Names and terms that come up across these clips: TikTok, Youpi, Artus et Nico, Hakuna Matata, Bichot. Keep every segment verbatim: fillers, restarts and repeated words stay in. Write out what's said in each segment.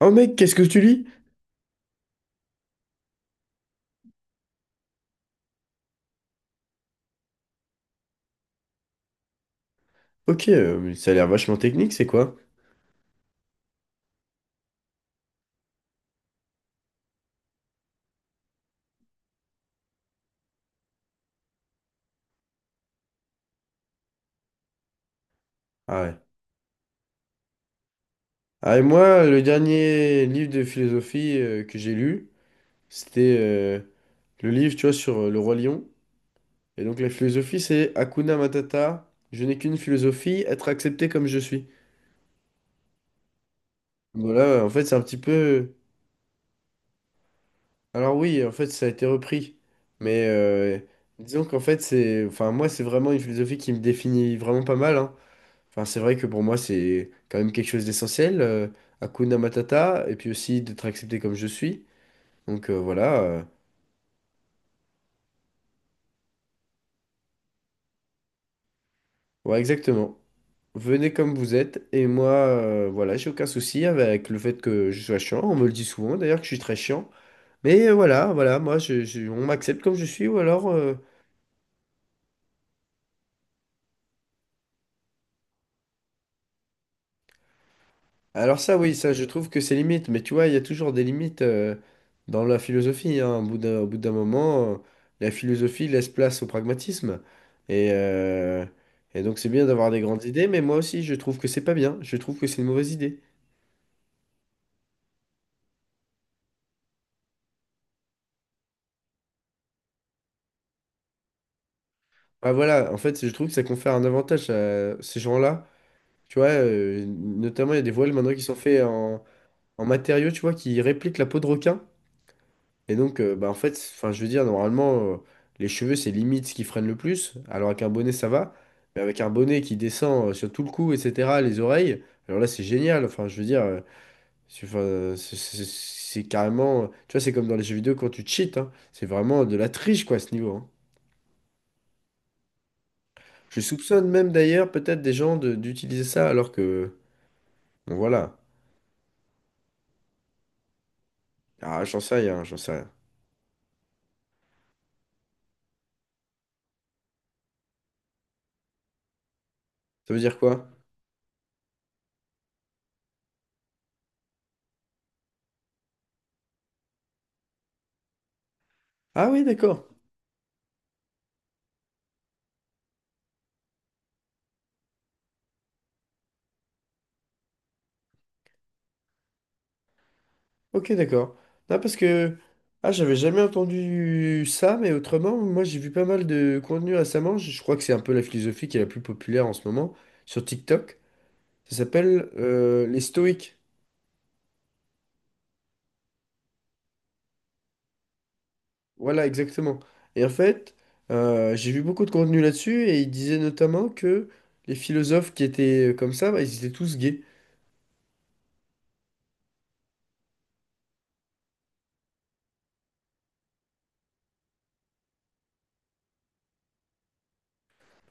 Oh mec, qu'est-ce que tu lis? Ok, euh, mais ça a l'air vachement technique, c'est quoi? Ah ouais. Ah et moi, le dernier livre de philosophie euh, que j'ai lu, c'était euh, le livre, tu vois, sur euh, le roi lion. Et donc la philosophie, c'est Hakuna Matata, je n'ai qu'une philosophie, être accepté comme je suis. Voilà, en fait, c'est un petit peu... Alors oui, en fait, ça a été repris. Mais euh, disons qu'en fait, c'est... Enfin, moi, c'est vraiment une philosophie qui me définit vraiment pas mal, hein. Enfin, c'est vrai que pour moi, c'est quand même quelque chose d'essentiel, euh, Hakuna Matata, et puis aussi d'être accepté comme je suis. Donc euh, voilà, euh, ouais, exactement. Venez comme vous êtes, et moi, euh, voilà, j'ai aucun souci avec le fait que je sois chiant. On me le dit souvent, d'ailleurs, que je suis très chiant. Mais euh, voilà, voilà, moi, je, je- on m'accepte comme je suis, ou alors, euh, Alors ça, oui, ça, je trouve que c'est limite, mais tu vois, il y a toujours des limites euh, dans la philosophie. Hein. Au bout d'un, au bout d'un moment, euh, la philosophie laisse place au pragmatisme. Et, euh, et donc c'est bien d'avoir des grandes idées, mais moi aussi, je trouve que c'est pas bien. Je trouve que c'est une mauvaise idée. Ah voilà, en fait, je trouve que ça confère un avantage à ces gens-là. Tu vois, euh, notamment, il y a des voiles maintenant qui sont faits en, en matériaux, tu vois, qui répliquent la peau de requin. Et donc, euh, bah, en fait, enfin, je veux dire, normalement, euh, les cheveux, c'est limite ce qui freine le plus. Alors, avec un bonnet, ça va. Mais avec un bonnet qui descend euh, sur tout le cou, et cetera, les oreilles, alors là, c'est génial. Enfin, je veux dire, euh, c'est enfin, c'est- c'est- c'est carrément. Tu vois, c'est comme dans les jeux vidéo quand tu cheats. Hein. C'est vraiment de la triche, quoi, à ce niveau. Hein. Je soupçonne même d'ailleurs, peut-être, des gens de- d'utiliser ça alors que. Bon, voilà. Ah, j'en sais rien, j'en sais rien. Ça veut dire quoi? Ah oui, d'accord. Ok, d'accord. Non, parce que ah, j'avais jamais entendu ça, mais autrement, moi j'ai vu pas mal de contenu récemment. Je je crois que c'est un peu la philosophie qui est la plus populaire en ce moment sur TikTok. Ça s'appelle euh, les stoïques. Voilà, exactement. Et en fait, euh, j'ai vu beaucoup de contenu là-dessus et ils disaient notamment que les philosophes qui étaient euh, comme ça, bah, ils étaient tous gays.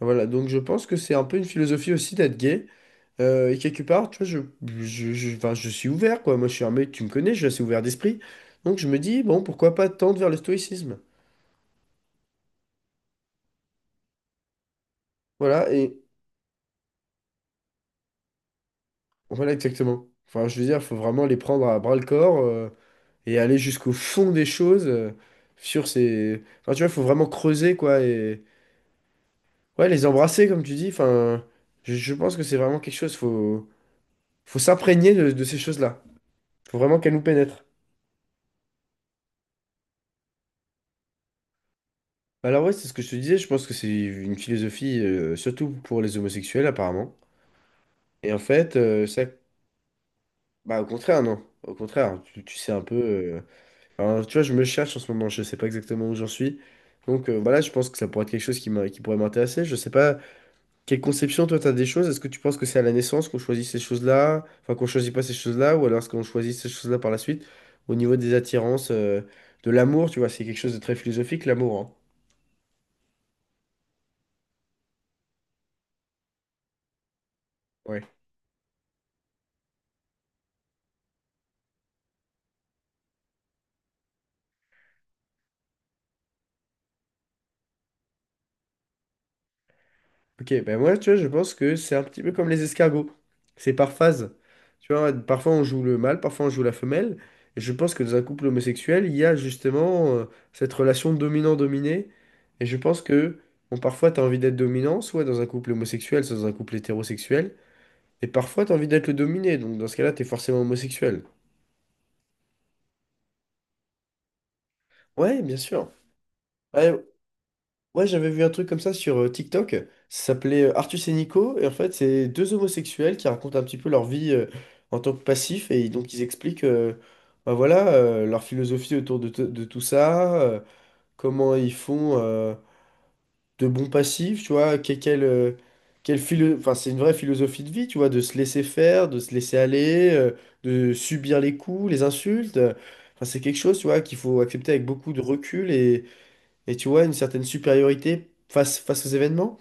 Voilà, donc je pense que c'est un peu une philosophie aussi d'être gay. Euh, et quelque part, tu vois, je, je, je, enfin, je suis ouvert, quoi. Moi, je suis un mec, tu me connais, je suis assez ouvert d'esprit. Donc, je me dis, bon, pourquoi pas tendre vers le stoïcisme? Voilà, et voilà exactement. Enfin, je veux dire, il faut vraiment les prendre à bras-le-corps euh, et aller jusqu'au fond des choses euh, sur ces... Enfin, tu vois, il faut vraiment creuser, quoi, et... Ouais, les embrasser, comme tu dis. Enfin, je, je pense que c'est vraiment quelque chose, faut, faut s'imprégner de, de ces choses-là. Faut vraiment qu'elles nous pénètrent. Bah, Alors ouais, c'est ce que je te disais, je pense que c'est une philosophie euh, surtout pour les homosexuels apparemment. Et en fait, euh, ça... bah, au contraire, non. Au contraire, tu, tu sais un peu... euh, enfin, tu vois, je me cherche en ce moment, je sais pas exactement où j'en suis. Donc euh, voilà, je pense que ça pourrait être quelque chose qui m'a- qui pourrait m'intéresser. Je sais pas, quelle conception toi t'as des choses? Est-ce que tu penses que c'est à la naissance qu'on choisit ces choses-là? Enfin, qu'on choisit pas ces choses-là, ou alors est-ce qu'on choisit ces choses-là par la suite? Au niveau des attirances, euh, de l'amour, tu vois, c'est quelque chose de très philosophique, l'amour, hein. Ouais. Ok, ben moi, tu vois, je pense que c'est un petit peu comme les escargots. C'est par phase. Tu vois, parfois on joue le mâle, parfois on joue la femelle. Et je pense que dans un couple homosexuel, il y a justement euh, cette relation dominant-dominé. Et je pense que, bon, parfois t'as envie d'être dominant, soit dans un couple homosexuel, soit dans un couple hétérosexuel. Et parfois t'as envie d'être le dominé. Donc dans ce cas-là, t'es forcément homosexuel. Ouais, bien sûr. Ouais, Ouais, j'avais vu un truc comme ça sur euh, TikTok. Ça s'appelait euh, Artus et Nico. Et en fait, c'est deux homosexuels qui racontent un petit peu leur vie euh, en tant que passif. Et donc, ils expliquent euh, bah voilà, euh, leur philosophie autour de, t- de tout ça, euh, comment ils font euh, de bons passifs, tu vois. que- Quelle, euh, quelle philo- enfin, c'est une vraie philosophie de vie, tu vois, de se laisser faire, de se laisser aller, euh, de subir les coups, les insultes. Enfin, c'est quelque chose, tu vois, qu'il faut accepter avec beaucoup de recul et tu vois, une certaine supériorité face, face aux événements.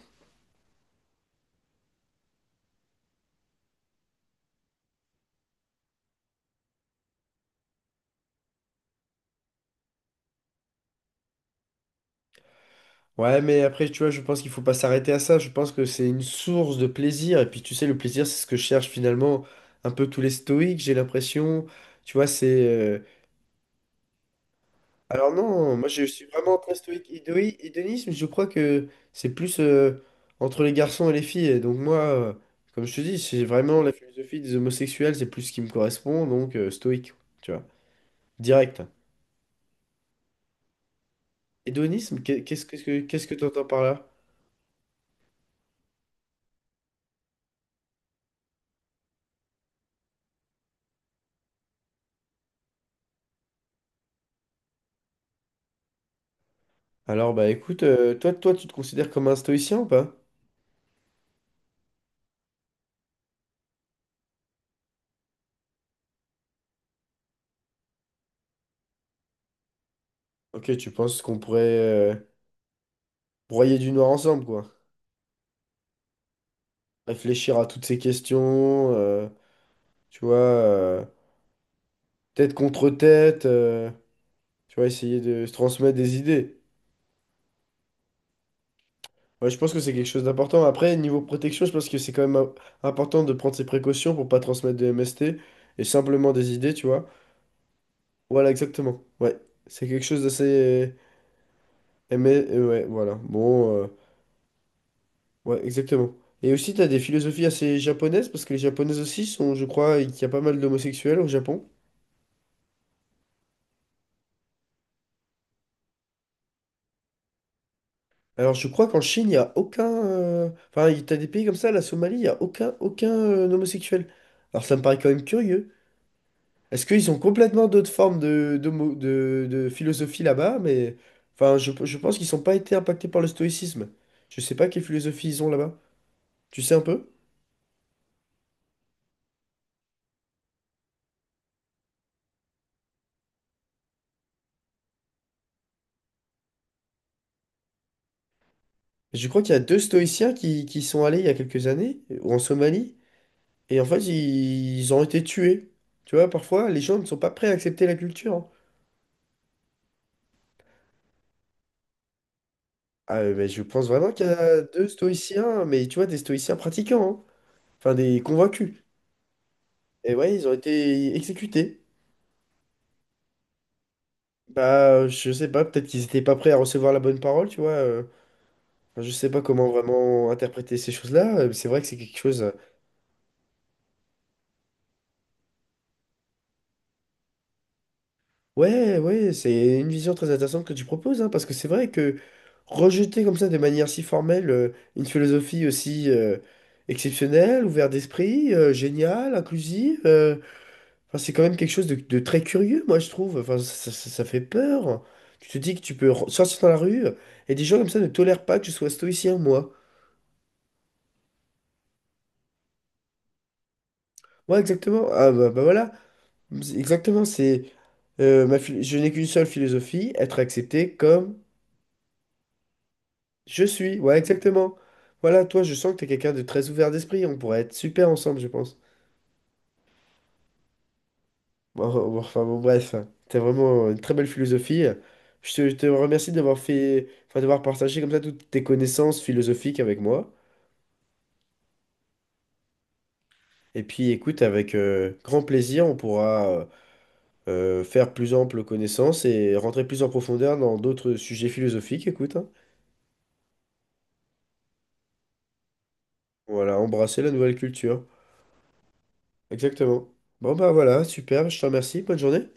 Ouais, mais après, tu vois, je pense qu'il faut pas s'arrêter à ça. Je pense que c'est une source de plaisir. Et puis, tu sais, le plaisir, c'est ce que cherchent finalement un peu tous les stoïques, j'ai l'impression. Tu vois, c'est... euh, Alors non, moi, je suis vraiment très stoïque. Idoi- Hédonisme, je crois que c'est plus euh, entre les garçons et les filles. Et donc moi, euh, comme je te dis, c'est vraiment la philosophie des homosexuels, c'est plus ce qui me correspond. Donc, euh, stoïque, tu vois, direct. Hédonisme, qu'est- qu'est-ce que qu'est-ce que t'entends par là? Alors, bah écoute, euh, toi, toi, tu te considères comme un stoïcien ou pas? Ok, tu penses qu'on pourrait euh, broyer du noir ensemble, quoi. Réfléchir à toutes ces questions, euh, tu vois, euh, tête contre tête, euh, tu vois, essayer de se transmettre des idées. Ouais, je pense que c'est quelque chose d'important. Après, niveau protection, je pense que c'est quand même im- important de prendre ses précautions pour pas transmettre de M S T et simplement des idées, tu vois. Voilà, exactement. Ouais, c'est quelque chose d'assez... euh, aimé- euh, Ouais, voilà. Bon. euh, Ouais, exactement. Et aussi, t'as des philosophies assez japonaises, parce que les japonaises aussi sont, je crois, qu'il y a pas mal d'homosexuels au Japon. Alors, je crois qu'en Chine, il n'y a aucun... euh, Enfin, il- t'as des pays comme ça, la Somalie, il n'y a aucun, aucun euh, homosexuel. Alors, ça me paraît quand même curieux. Est-ce qu'ils ont complètement d'autres formes de, d'homo- de, de philosophie là-bas? Mais, enfin, je, je pense qu'ils n'ont pas été impactés par le stoïcisme. Je sais pas quelle philosophie ils ont là-bas. Tu sais un peu? Je crois qu'il y a deux stoïciens qui, qui sont allés il y a quelques années, ou en Somalie. Et en fait, ils, ils ont été tués. Tu vois, parfois, les gens ne sont pas prêts à accepter la culture. Hein. Ah, euh, mais ben, je pense vraiment qu'il y a deux stoïciens, mais tu vois, des stoïciens pratiquants, hein. Enfin, des convaincus. Et ouais, ils ont été exécutés. Bah, je sais pas, peut-être qu'ils étaient pas prêts à recevoir la bonne parole, tu vois. euh. Enfin, je sais pas comment vraiment interpréter ces choses-là. euh, mais C'est vrai que c'est quelque chose. euh, Ouais, ouais, c'est une vision très intéressante que tu proposes, hein, parce que c'est vrai que rejeter comme ça de manière si formelle euh, une philosophie aussi euh, exceptionnelle, ouverte d'esprit, euh, géniale, inclusive, euh, enfin, c'est quand même quelque chose de, de très curieux, moi je trouve. Enfin, ça, ça- ça fait peur. Tu te dis que tu peux re- sortir dans la rue et des gens comme ça ne tolèrent pas que je sois stoïcien, moi. Ouais, exactement. Ah bah, bah voilà, exactement, c'est euh, ma phil- je n'ai qu'une seule philosophie, être accepté comme Je suis, ouais, exactement. Voilà, toi, je sens que t'es quelqu'un de très ouvert d'esprit. On pourrait être super ensemble, je pense. Bon, bon, bon, enfin, bon, bref, t'as vraiment une très belle philosophie. Je te, je te remercie d'avoir fait, enfin, d'avoir partagé comme ça toutes tes connaissances philosophiques avec moi. Et puis, écoute, avec euh, grand plaisir, on pourra euh, euh, faire plus ample connaissance et rentrer plus en profondeur dans d'autres sujets philosophiques. Écoute, hein. Voilà, embrasser la nouvelle culture. Exactement. Bon, bah voilà, super. Je te remercie. Bonne journée.